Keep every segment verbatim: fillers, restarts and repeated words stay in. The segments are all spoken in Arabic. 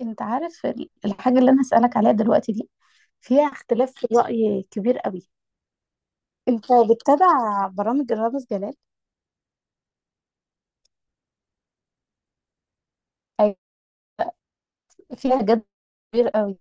انت عارف ال- الحاجة اللي انا هسألك عليها دلوقتي دي فيها اختلاف في الرأي كبير قوي. انت بتتابع برامج رامز جلال؟ أي- فيها جد كبير قوي؟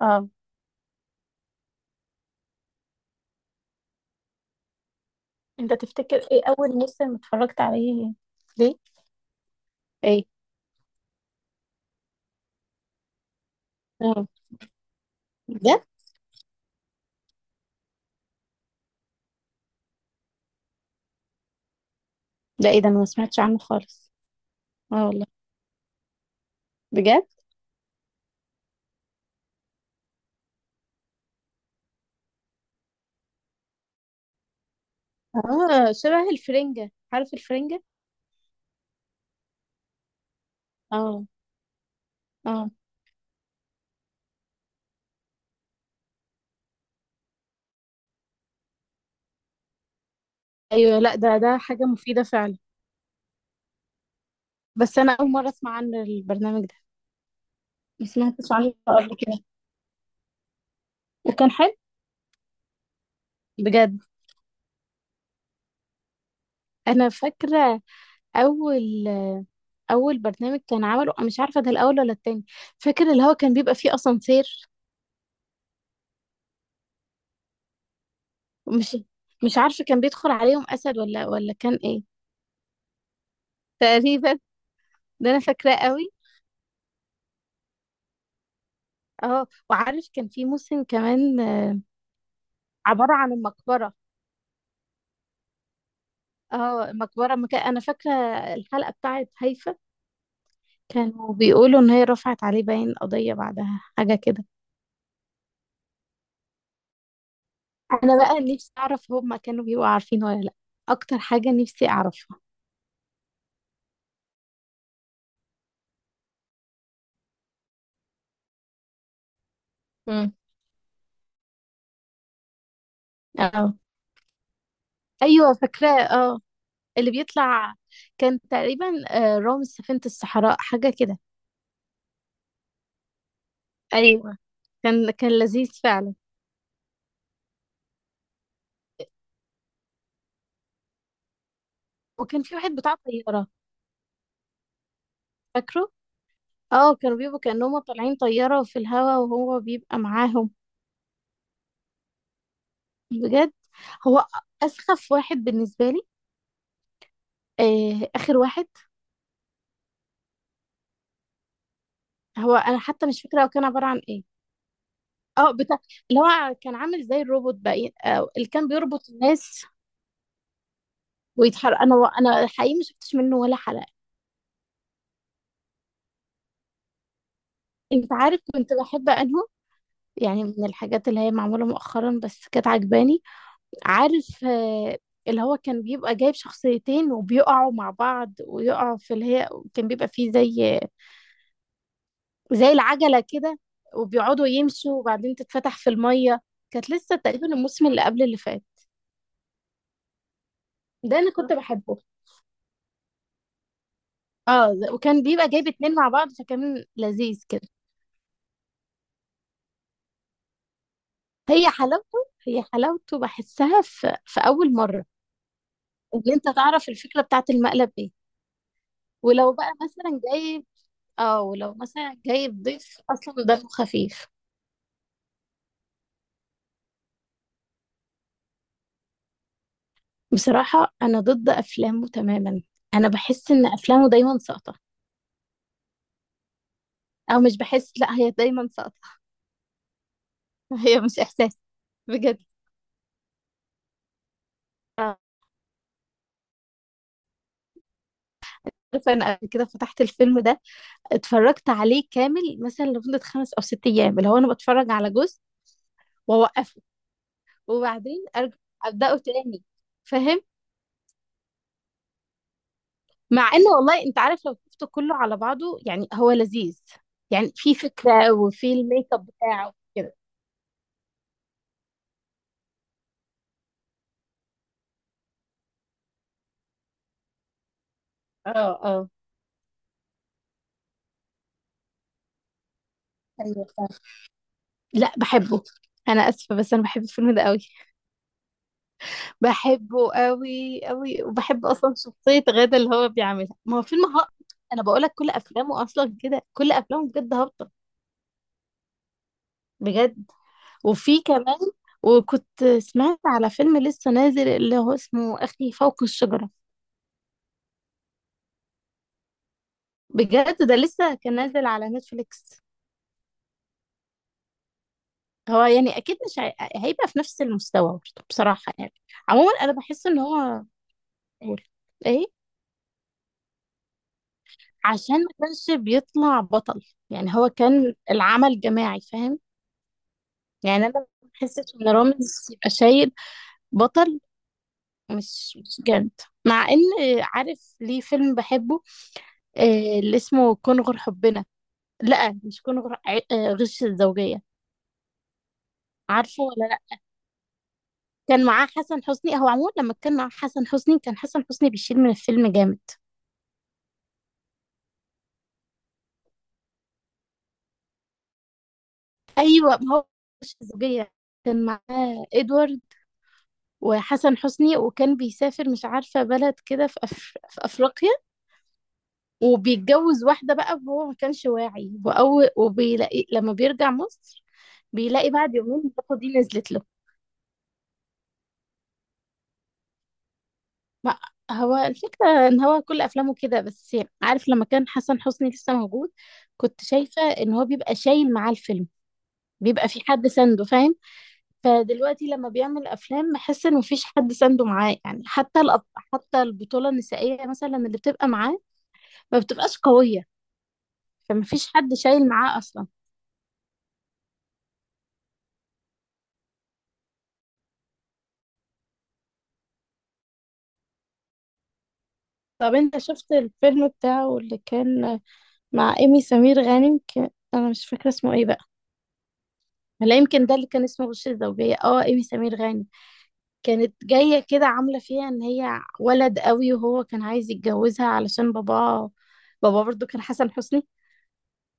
اه، انت تفتكر ايه اول موسم اتفرجت عليه؟ ليه؟ ايه؟ اه، بجد؟ لا، ايه ده، انا ما سمعتش عنه خالص. اه والله؟ بجد؟ اه، شبه الفرنجة، عارف الفرنجة؟ اه اه. ايوه، لا ده ده حاجة مفيدة فعلا. بس انا اول مرة اسمع عن البرنامج ده، ما سمعتش عنه قبل كده. وكان حلو؟ بجد؟ انا فاكره اول اول برنامج كان عمله، أنا مش عارفه ده الاول ولا التاني، فاكر اللي هو كان بيبقى فيه اسانسير؟ مش مش عارفه كان بيدخل عليهم اسد ولا ولا كان ايه؟ تقريبا، ده انا فاكراه قوي. اه، وعارف كان في موسم كمان آه، عباره عن المقبره؟ اه المقبره مكان انا فاكره الحلقه بتاعت هيفا، كانوا بيقولوا ان هي رفعت عليه باين قضيه بعدها حاجه كده. انا بقى نفسي اعرف هما كانوا بيبقوا عارفين ولا لا، اكتر حاجه نفسي اعرفها. اه، ايوه فاكراه اه، اللي بيطلع كان تقريبا آه، رامز سفينة الصحراء حاجة كده. ايوه، كان كان لذيذ فعلا. وكان في واحد بتاع طيارة، فاكره؟ اه، كانوا بيبقوا كأنهم طالعين طيارة في الهوا وهو بيبقى معاهم. بجد، هو أسخف واحد بالنسبة لي. آه، آخر واحد. هو أنا حتى مش فاكرة هو كان عبارة عن ايه. اه، بتاع اللي هو كان عامل زي الروبوت بقى، آه اللي كان بيربط الناس ويتحرك. انا انا حقيقي ما شفتش منه ولا حلقة. انت عارف كنت بحب انهم، يعني من الحاجات اللي هي معمولة مؤخرا بس كانت عجباني، عارف آه، اللي هو كان بيبقى جايب شخصيتين وبيقعوا مع بعض ويقعوا في اللي هي، كان بيبقى فيه زي زي العجلة كده وبيقعدوا يمشوا وبعدين تتفتح في المية. كانت لسه تقريبا الموسم اللي قبل اللي فات. ده انا كنت بحبه. اه، ز- وكان بيبقى جايب اتنين مع بعض فكان لذيذ كده. هي حلاوته، هي حلاوته بحسها في, في اول مرة، ان انت تعرف الفكرة بتاعت المقلب ايه. ولو بقى مثلا جايب، اه ولو مثلا جايب ضيف اصلا دمه خفيف. بصراحة انا ضد افلامه تماما. انا بحس ان افلامه دايما ساقطة. او مش بحس، لا هي دايما ساقطة. هي مش احساس. بجد؟ آه، عارفة انا قبل كده فتحت الفيلم ده، اتفرجت عليه كامل مثلا لمدة خمس او ست ايام، اللي هو انا بتفرج على جزء واوقفه، وبعدين ارجع ابدأه تاني. فاهم؟ مع ان والله انت عارف لو شفته كله على بعضه يعني هو لذيذ، يعني في فكرة وفي الميك اب بتاعه كده. اه اه. ايوه فاهمة. لا بحبه. انا اسفة بس انا بحب الفيلم ده قوي. بحبه قوي قوي، وبحب اصلا شخصية غادة اللي هو بيعملها. ما هو فيلم هابط، انا بقولك كل افلامه اصلا كده، كل افلامه بجد هابطة. بجد، وفي كمان، وكنت سمعت على فيلم لسه نازل اللي هو اسمه اخي فوق الشجرة. بجد، ده لسه كان نازل على نتفليكس. هو يعني اكيد مش هي... هيبقى في نفس المستوى برضه بصراحه يعني. عموما انا بحس ان هو، قول، ايه؟ عشان ما كانش بيطلع بطل، يعني هو كان العمل جماعي فاهم؟ يعني انا ما بحسش ان رامز يبقى شايل بطل، مش مش جامد. مع ان، عارف ليه فيلم بحبه، آه، اللي اسمه كن غير حبنا، لا مش كن غير ع- آه، غش الزوجيه. عارفه ولا لا؟ كان معاه حسن حسني. هو عموما لما كان معاه حسن حسني كان حسن حسني بيشيل من الفيلم جامد. أيوه، ما هو مش زوجية، كان معاه إدوارد وحسن حسني، وكان بيسافر مش عارفة بلد كده في, أف... في أفريقيا، وبيتجوز واحدة بقى وهو ما كانش واعي، وأول وبيلاقي لما بيرجع مصر بيلاقي بعد يومين البطة دي نزلت له. ما هو الفكرة إن هو كل أفلامه كده، بس عارف لما كان حسن حسني لسه موجود كنت شايفة إن هو بيبقى شايل معاه الفيلم، بيبقى في حد سنده فاهم؟ فدلوقتي لما بيعمل افلام بحس ان مفيش حد سانده معاه، يعني حتى الأب... حتى البطوله النسائيه مثلا اللي بتبقى معاه ما بتبقاش قويه، فمفيش حد شايل معاه اصلا. طب انت شفت الفيلم بتاعه اللي كان مع ايمي سمير غانم ك... انا مش فاكره اسمه ايه بقى؟ لا يمكن ده اللي كان اسمه غش الزوجيه اه، ايمي سمير غانم كانت جايه كده عامله فيها ان هي ولد قوي، وهو كان عايز يتجوزها علشان باباه، بابا برضو كان حسن حسني،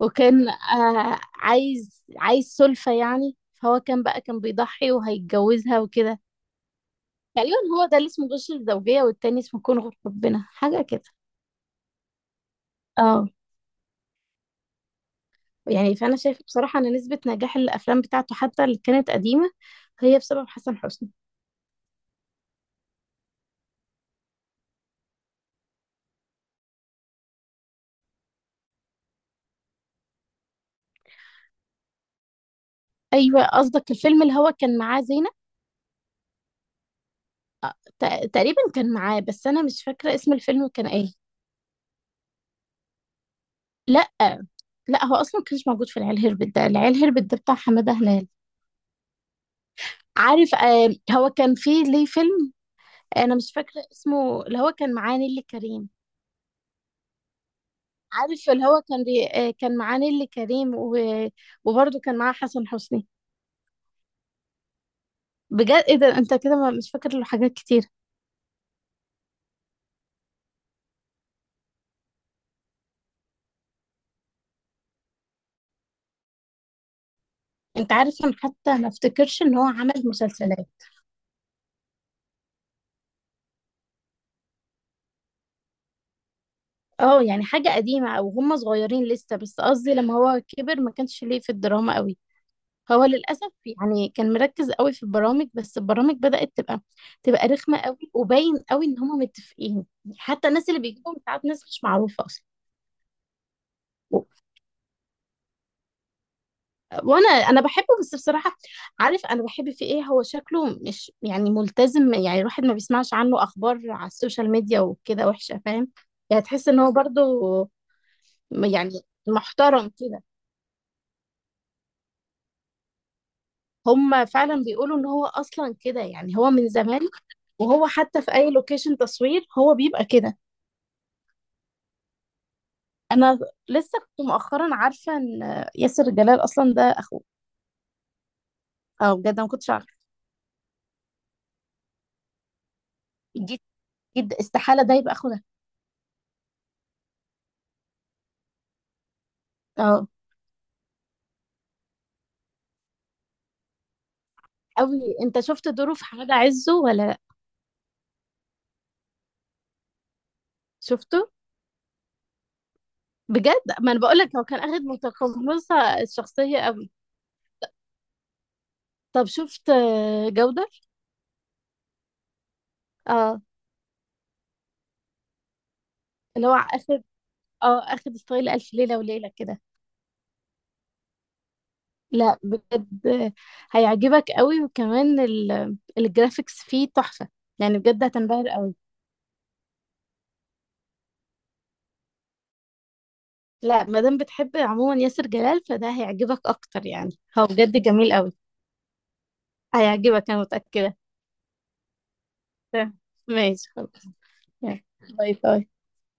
وكان آه عايز عايز سلفة يعني، فهو كان بقى كان بيضحي وهيتجوزها وكده. تقريبا هو ده اللي اسمه غش الزوجية، والتاني اسمه كون غير حبنا حاجة كده. اه يعني، فأنا شايفة بصراحة إن نسبة نجاح الأفلام بتاعته حتى اللي كانت قديمة هي بسبب حسن حسني. أيوة، قصدك الفيلم اللي هو كان معاه زينب؟ تق- تقريبا كان معاه، بس أنا مش فاكرة اسم الفيلم كان إيه. لا لا، هو أصلا كانش موجود في العيال هربت، ده العيال هربت ده بتاع حمادة هلال. عارف آه هو كان فيه ليه فيلم، انا مش فاكره اسمه، اللي هو كان معاه نيللي كريم. عارف اللي هو كان بي... آه، كان معاه نيللي كريم و... وبرضه كان معاه حسن حسني. بجد، ايه ده، انت كده ما- مش فاكر له حاجات كتير. انت عارف انا حتى ما افتكرش ان هو عمل مسلسلات. اه، يعني حاجه قديمه او هم صغيرين لسه، بس قصدي لما هو كبر ما كانش ليه في الدراما قوي. هو للاسف يعني كان مركز قوي في البرامج، بس البرامج بدات تبقى تبقى رخمه قوي، وباين قوي ان هم متفقين. حتى الناس اللي بيجيبهم ساعات ناس مش معروفه اصلا. وانا انا بحبه بس بصراحه، عارف انا بحب في ايه، هو شكله مش يعني ملتزم، يعني الواحد ما بيسمعش عنه اخبار على السوشيال ميديا وكده وحشه فاهم؟ يعني تحس ان هو برضو، م- يعني محترم كده. هم فعلا بيقولوا ان هو اصلا كده يعني، هو من زمان، وهو حتى في اي لوكيشن تصوير هو بيبقى كده. انا لسه كنت مؤخرا عارفه ان ياسر جلال اصلا ده اخوه. اه بجد، أنا ما كنتش عارفه. جد؟ جد استحاله ده يبقى اخوه ده. اه قوي، انت شفت دوره في حاجه عزه ولا؟ شفته؟ بجد، ما انا بقول لك هو كان اخد متقمصه الشخصيه قوي. طب شفت آه، جودر؟ اه، اللي هو اخد، اه اخد ستايل الف ليله وليله كده. لا بجد آه، هيعجبك قوي، وكمان ال- الجرافيكس فيه تحفه، يعني بجد هتنبهر قوي. لا، ما دام بتحب عموما ياسر جلال فده هيعجبك اكتر يعني. هو بجد جميل قوي. هيعجبك، انا متاكده. تمام. ماشي خلاص. يلا. باي باي.